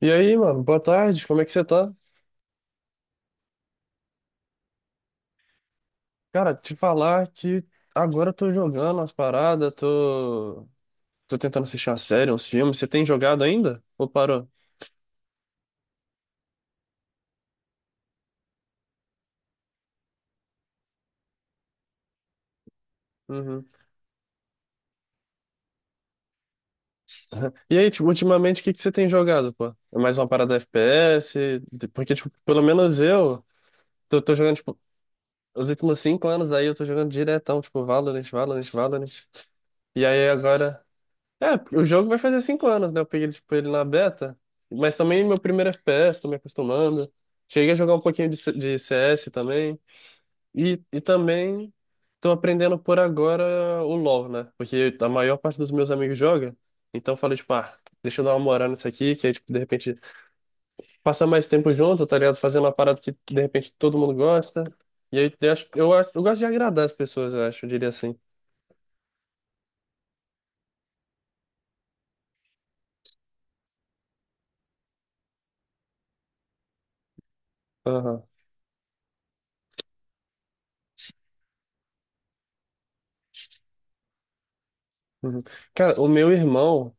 E aí, mano, boa tarde, como é que você tá? Cara, te falar que agora eu tô jogando umas paradas, tô tentando assistir uma série, uns filmes. Você tem jogado ainda? Ou parou? Uhum. E aí, tipo, ultimamente, o que que você tem jogado, pô? É mais uma parada FPS? Porque, tipo, pelo menos eu tô jogando, tipo, os últimos cinco anos aí eu tô jogando diretão, tipo, Valorant, Valorant, Valorant. E aí agora. É, o jogo vai fazer cinco anos, né? Eu peguei, tipo, ele na beta. Mas também meu primeiro FPS, tô me acostumando. Cheguei a jogar um pouquinho de, de CS também. E também tô aprendendo por agora o LoL, né? Porque a maior parte dos meus amigos joga. Então eu falei, tipo, ah, deixa eu dar uma moral nisso aqui, que aí, tipo, de repente, passar mais tempo junto, tá ligado? Fazendo uma parada que, de repente, todo mundo gosta. E aí, eu acho, eu gosto de agradar as pessoas, eu acho, eu diria assim. Aham. Uhum. Cara, o meu irmão,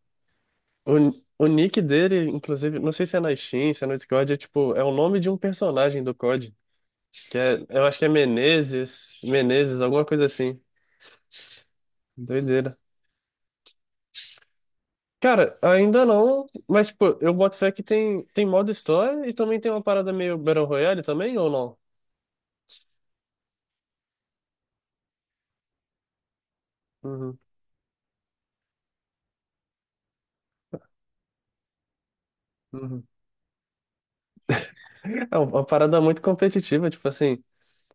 O, o nick dele, inclusive, não sei se é na Steam, se é no Discord, é tipo, é o nome de um personagem do COD, que é, eu acho que é Menezes, Menezes, alguma coisa assim. Doideira. Cara, ainda não, mas tipo, eu boto fé que tem modo história e também tem uma parada meio Battle Royale também, ou não? Uhum, uhum. É uma parada muito competitiva, tipo assim.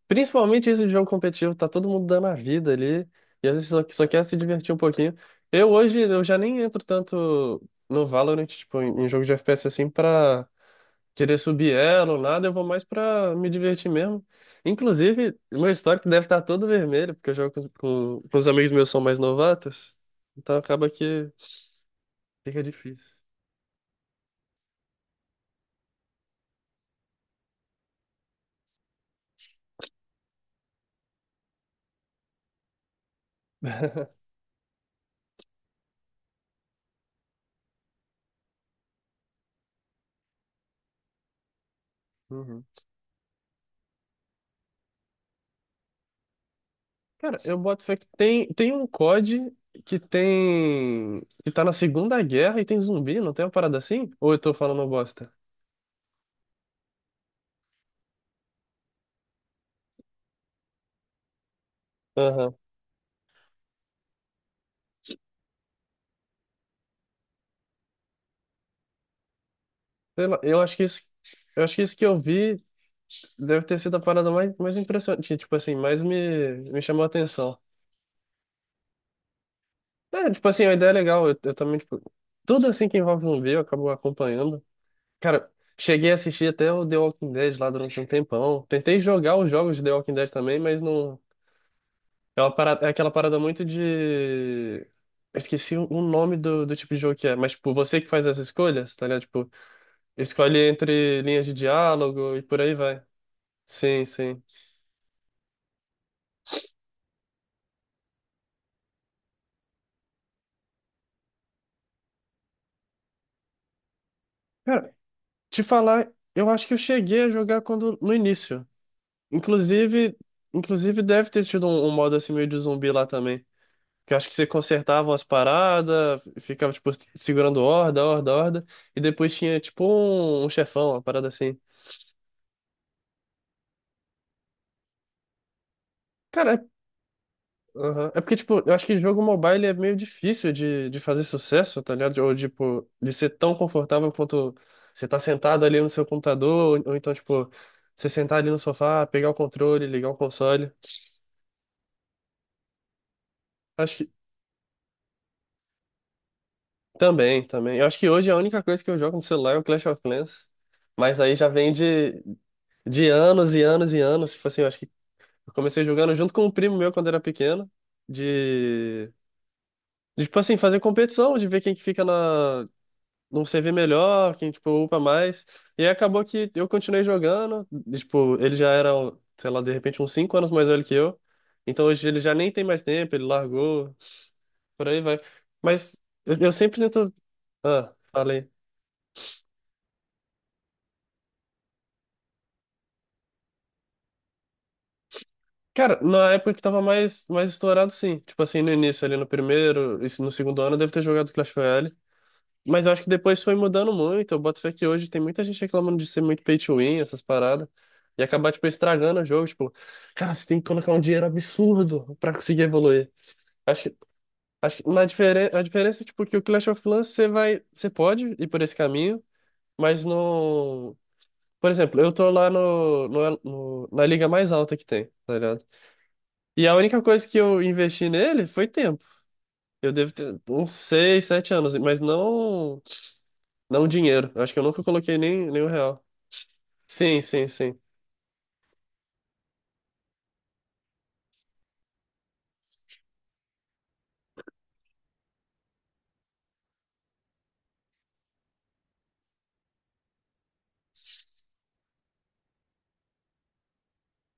Principalmente isso de jogo competitivo, tá todo mundo dando a vida ali, e às vezes só quer se divertir um pouquinho. Eu hoje, eu já nem entro tanto no Valorant, tipo, em jogo de FPS assim, pra querer subir elo, nada, eu vou mais pra me divertir mesmo. Inclusive, meu histórico deve estar todo vermelho, porque eu jogo com os amigos meus que são mais novatos, então acaba que fica difícil. Uhum. Cara, eu boto fé que tem um COD que tem. Que tá na Segunda Guerra e tem zumbi, não tem uma parada assim? Ou eu tô falando bosta? Aham. Sei lá, eu acho que isso. Eu acho que isso que eu vi deve ter sido a parada mais impressionante, tipo assim, mais me chamou a atenção. É, tipo assim, a ideia é legal, eu também, tipo, tudo assim que envolve zumbi eu acabo acompanhando. Cara, cheguei a assistir até o The Walking Dead lá durante um tempão. Tentei jogar os jogos de The Walking Dead também, mas não. É uma parada, é aquela parada muito de. Eu esqueci o nome do tipo de jogo que é, mas tipo, você que faz as escolhas, tá ligado? Tipo, escolhe entre linhas de diálogo e por aí vai. Sim, sim. Cara, te falar, eu acho que eu cheguei a jogar quando no início. Inclusive, inclusive, deve ter tido um modo assim meio de zumbi lá também. Que eu acho que você consertava umas paradas, ficava tipo segurando horda, horda, horda, e depois tinha tipo um chefão, uma parada assim. Cara. Aham. É porque, tipo, eu acho que jogo mobile é meio difícil de fazer sucesso, tá ligado? Ou, tipo, de ser tão confortável quanto você tá sentado ali no seu computador, ou então, tipo, você sentar ali no sofá, pegar o controle, ligar o console. Acho que também, também. Eu acho que hoje a única coisa que eu jogo no celular é o Clash of Clans, mas aí já vem de anos e anos e anos. Tipo assim, eu acho que eu comecei jogando junto com um primo meu quando era pequeno, de, de tipo assim, fazer competição, de ver quem que fica na um CV melhor, quem, tipo, upa mais. E aí acabou que eu continuei jogando. E, tipo, ele já era, um, sei lá, de repente uns 5 anos mais velho que eu. Então hoje ele já nem tem mais tempo, ele largou, por aí vai. Mas eu sempre tento. Ah, falei. Cara, na época que tava mais estourado, sim. Tipo assim, no início, ali no primeiro, isso no segundo ano, eu devo ter jogado Clash Royale. Mas eu acho que depois foi mudando muito. Eu boto fé que hoje tem muita gente reclamando de ser muito pay to win, essas paradas. E acabar, tipo, estragando o jogo. Tipo, cara, você tem que colocar um dinheiro absurdo pra conseguir evoluir. Acho que, acho que na diferen a diferença é, tipo, que o Clash of Clans você vai, você pode ir por esse caminho, mas não. Por exemplo, eu tô lá na liga mais alta que tem, tá ligado? E a única coisa que eu investi nele foi tempo. Eu devo ter uns 6 7 anos, mas não. Não dinheiro. Eu acho que eu nunca coloquei nem um real. Sim, sim, sim.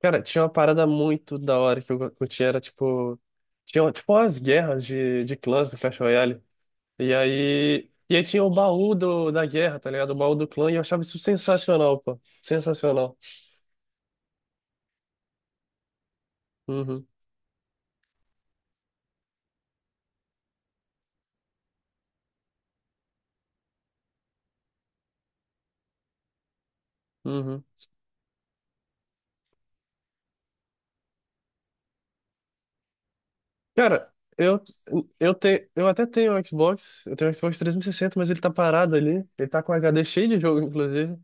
Cara, tinha uma parada muito da hora que eu curti, era tipo. Tinha tipo umas guerras de clãs do Clash Royale. E aí tinha o baú do, da guerra, tá ligado? O baú do clã, e eu achava isso sensacional, pô. Sensacional. Uhum, uhum. Cara, eu, eu até tenho um Xbox, eu tenho um Xbox 360, mas ele tá parado ali. Ele tá com HD cheio de jogo, inclusive.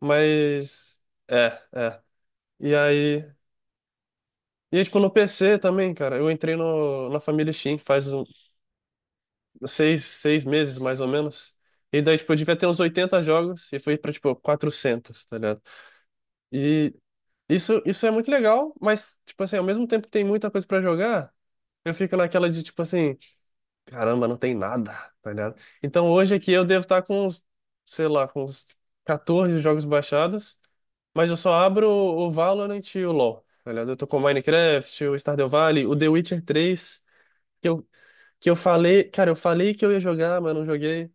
Mas. É, é. E aí. E aí, tipo, no PC também, cara, eu entrei no, na família Steam faz um, seis meses, mais ou menos. E daí, tipo, eu devia ter uns 80 jogos e fui pra, tipo, 400, tá ligado? E isso é muito legal, mas, tipo assim, ao mesmo tempo que tem muita coisa pra jogar, eu fico naquela de, tipo assim, caramba, não tem nada, tá ligado? Então hoje aqui eu devo estar com, uns, sei lá, com uns 14 jogos baixados, mas eu só abro o Valorant e o LoL, tá ligado? Eu tô com o Minecraft, o Stardew Valley, o The Witcher 3. Que eu falei, cara, eu falei que eu ia jogar, mas não joguei.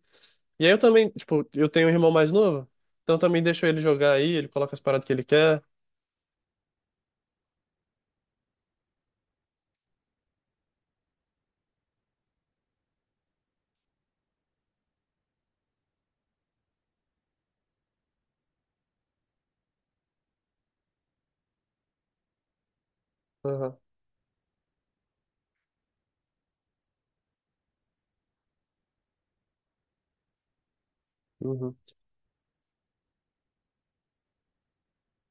E aí eu também, tipo, eu tenho um irmão mais novo, então eu também deixo ele jogar aí, ele coloca as paradas que ele quer. Aham, uhum.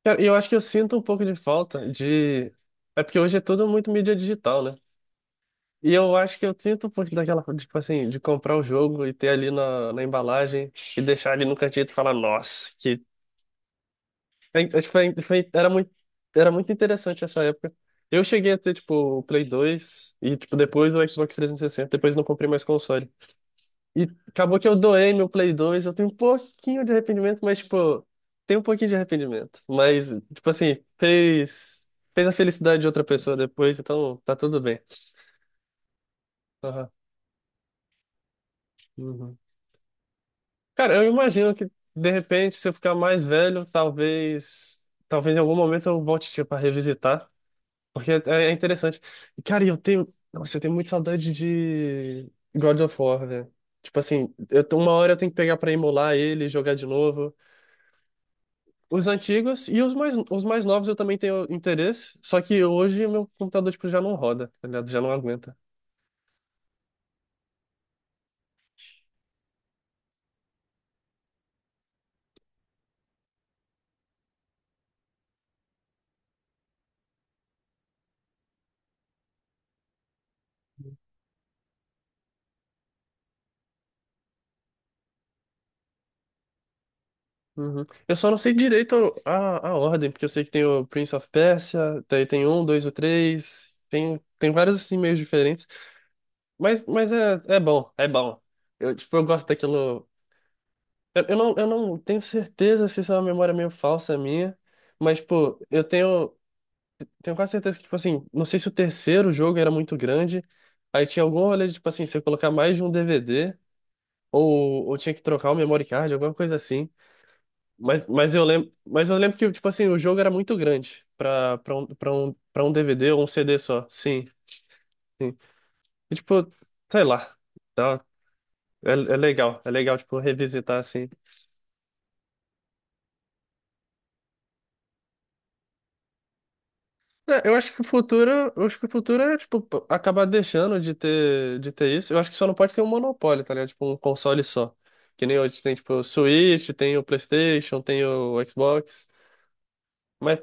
Cara, e eu acho que eu sinto um pouco de falta de. É porque hoje é tudo muito mídia digital, né? E eu acho que eu sinto um pouco daquela, tipo assim, de comprar o jogo e ter ali na embalagem e deixar ali no cantinho e falar, nossa, que. É, acho que foi, era muito interessante essa época. Eu cheguei a ter, tipo, o Play 2 e, tipo, depois o Xbox 360, depois não comprei mais console. E acabou que eu doei meu Play 2, eu tenho um pouquinho de arrependimento, mas, tipo, tem um pouquinho de arrependimento. Mas, tipo assim, fez a felicidade de outra pessoa depois, então tá tudo bem. Aham. Uhum. Cara, eu imagino que de repente, se eu ficar mais velho, talvez, talvez em algum momento eu volte tipo, para revisitar, porque é interessante. E, cara, eu tenho, nossa, eu tenho muita saudade de God of War, velho. Tipo assim, uma hora eu tenho que pegar pra emular ele e jogar de novo. Os antigos e os mais novos eu também tenho interesse, só que hoje o meu computador tipo, já não roda, tá ligado? Já não aguenta. Uhum. Eu só não sei direito a ordem, porque eu sei que tem o Prince of Persia, daí tem um, dois, o três, tem vários assim meios diferentes. Mas é bom, é bom. Eu, tipo, eu gosto daquilo. Eu não tenho certeza se isso é uma memória meio falsa minha, mas, pô, eu tenho. Tenho quase certeza que, tipo assim, não sei se o terceiro jogo era muito grande, aí tinha algum rolê de, tipo assim, se eu colocar mais de um DVD, ou tinha que trocar o memory card, alguma coisa assim. Mas eu lembro que, tipo assim, o jogo era muito grande pra um DVD ou um CD só. Sim, sim. E, tipo, sei lá. Tá, é legal, é legal, tipo, revisitar, assim. É, eu acho que o futuro, eu acho que o futuro é, tipo, acabar deixando de ter isso. Eu acho que só não pode ter um monopólio, tá ligado? Tipo, um console só. Que nem hoje tem, tipo, o Switch, tem o PlayStation, tem o Xbox. Mas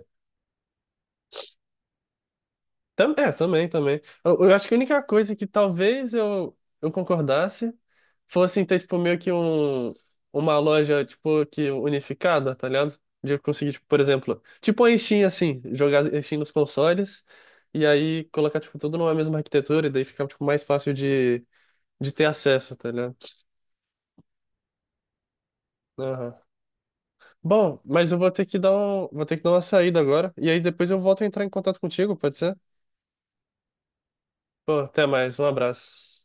é, também, também. Eu acho que a única coisa que talvez eu concordasse fosse em ter, tipo, meio que um, uma loja, tipo, que unificada, tá ligado? De eu conseguir, tipo, por exemplo, tipo a Steam, assim, jogar a Steam nos consoles e aí colocar, tipo, tudo numa mesma arquitetura e daí ficar, tipo, mais fácil de ter acesso, tá ligado? Aham. Bom, mas eu vou ter que dar uma saída agora e aí depois eu volto a entrar em contato contigo, pode ser? Pô, até mais, um abraço.